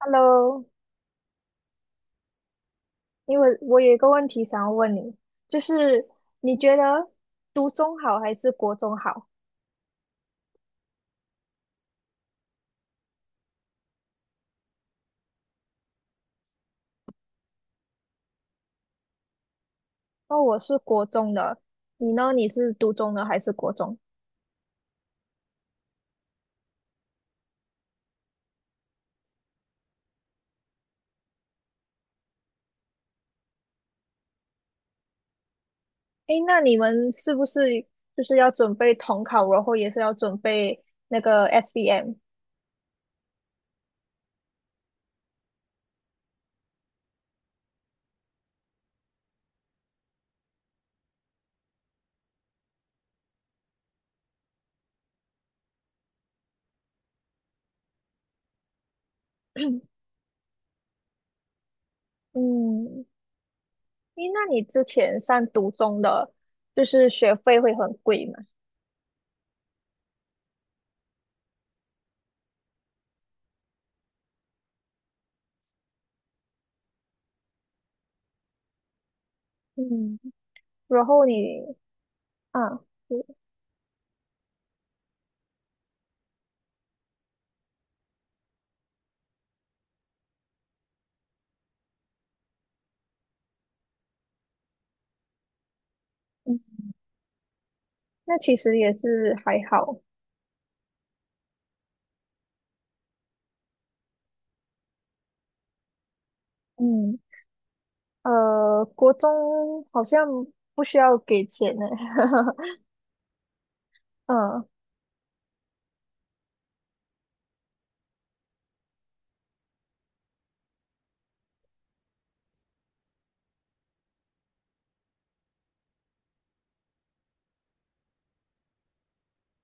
Hello，因为我有一个问题想要问你，就是你觉得读中好还是国中好？哦，我是国中的，你呢？你是读中的还是国中？诶，那你们是不是就是要准备统考，然后也是要准备那个 SBM？嗯，诶，那你之前上读中的，就是学费会很贵嘛？嗯，然后你啊，嗯，那其实也是还好，嗯。国中好像不需要给钱呢。嗯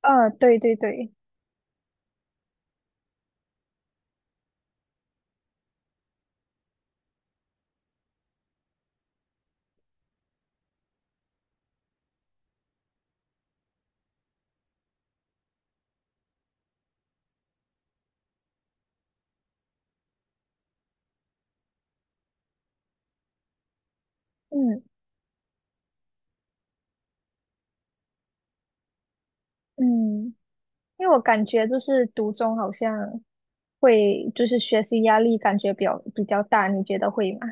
嗯，对对对，嗯嗯，因为我感觉就是读中好像会就是学习压力感觉比较大，你觉得会吗？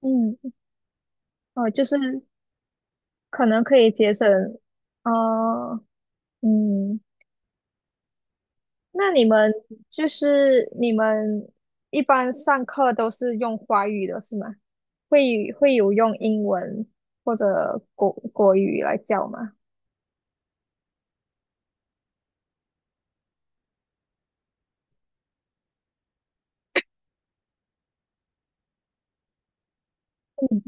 嗯，哦，就是可能可以节省，哦，嗯。那你们就是你们一般上课都是用华语的是吗？会有用英文或者国语来教吗？嗯，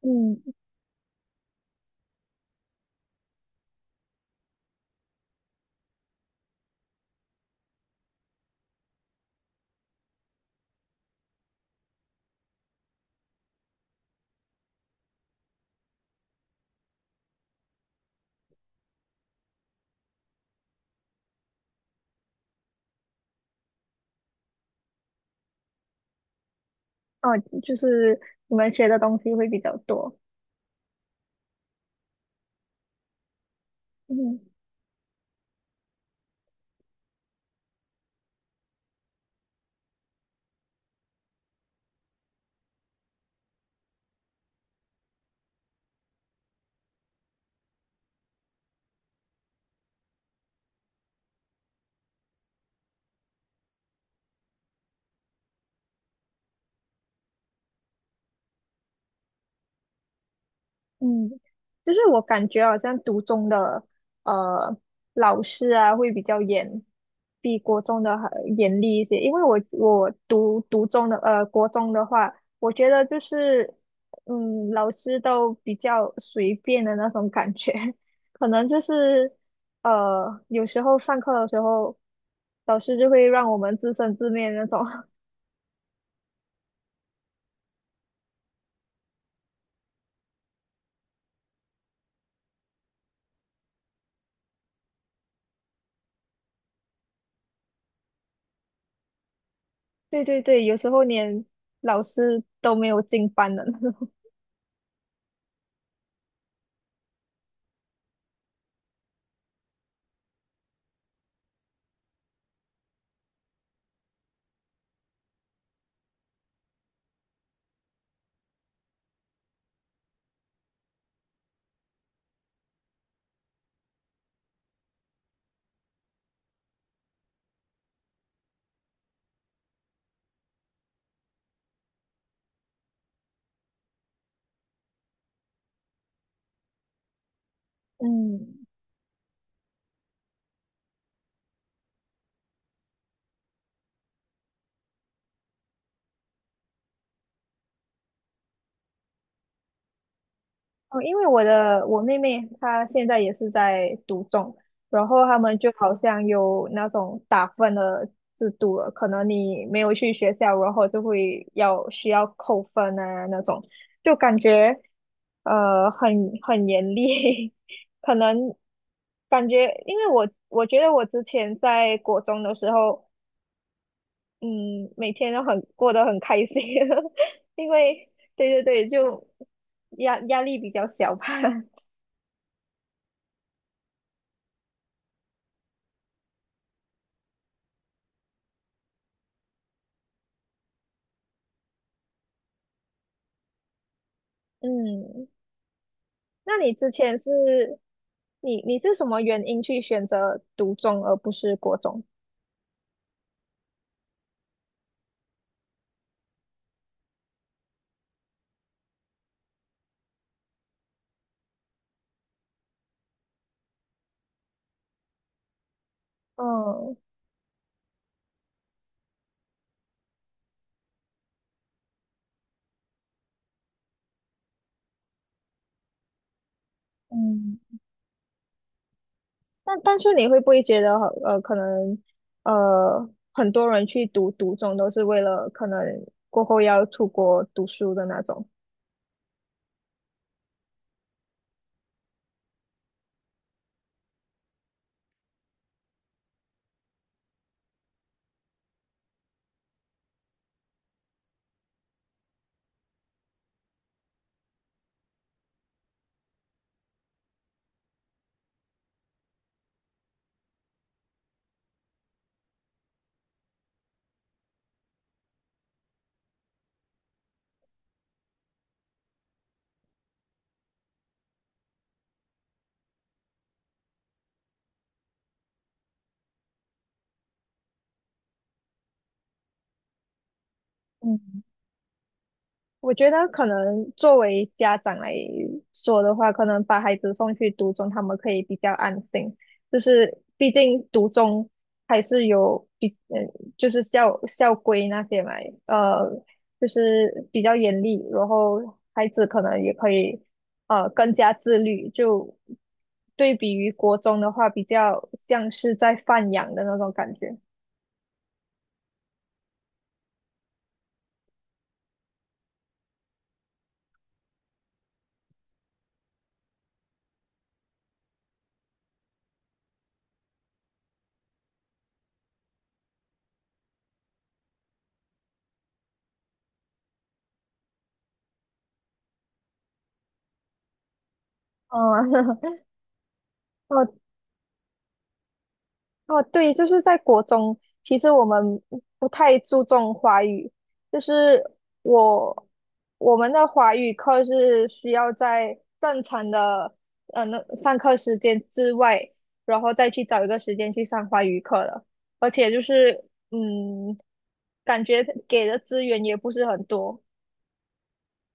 嗯哦，就是你们学的东西会比较多。嗯嗯，就是我感觉好像读中的呃老师啊会比较严，比国中的还严厉一些。因为我读读中的呃国中的话，我觉得就是老师都比较随便的那种感觉，可能就是有时候上课的时候，老师就会让我们自生自灭那种。对对对，有时候连老师都没有进班的那种。嗯。哦，因为我妹妹她现在也是在读中，然后他们就好像有那种打分的制度了，可能你没有去学校，然后就会要需要扣分啊那种，就感觉很严厉，可能感觉因为我觉得我之前在国中的时候，嗯，每天都很过得很开心，因为对对对，就压力比较小吧。嗯，那你之前是你是什么原因去选择读中而不是国中？嗯嗯，但是你会不会觉得可能很多人去读中都是为了可能过后要出国读书的那种？嗯。我觉得可能作为家长来说的话，可能把孩子送去读中，他们可以比较安心。就是毕竟读中还是有比嗯，就是校规那些嘛，呃，就是比较严厉，然后孩子可能也可以更加自律。就对比于国中的话，比较像是在放养的那种感觉。嗯，哦哦，对，就是在国中，其实我们不太注重华语，就是我我们的华语课是需要在正常的上课时间之外，然后再去找一个时间去上华语课的，而且就是嗯，感觉给的资源也不是很多。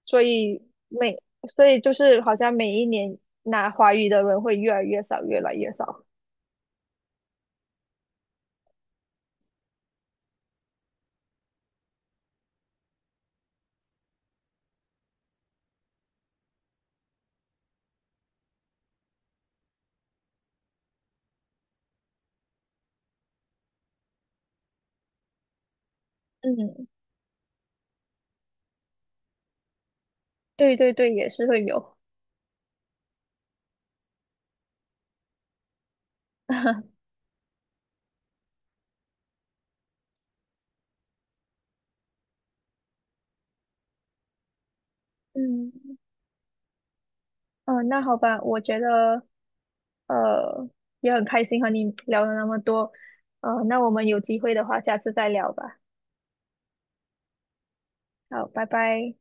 所以每所以就是好像每一年拿华语的人会越来越少，越来越少。嗯，对对对，也是会有。嗯，哦，那好吧，我觉得呃，也很开心和你聊了那么多，呃，那我们有机会的话，下次再聊吧。好，拜拜。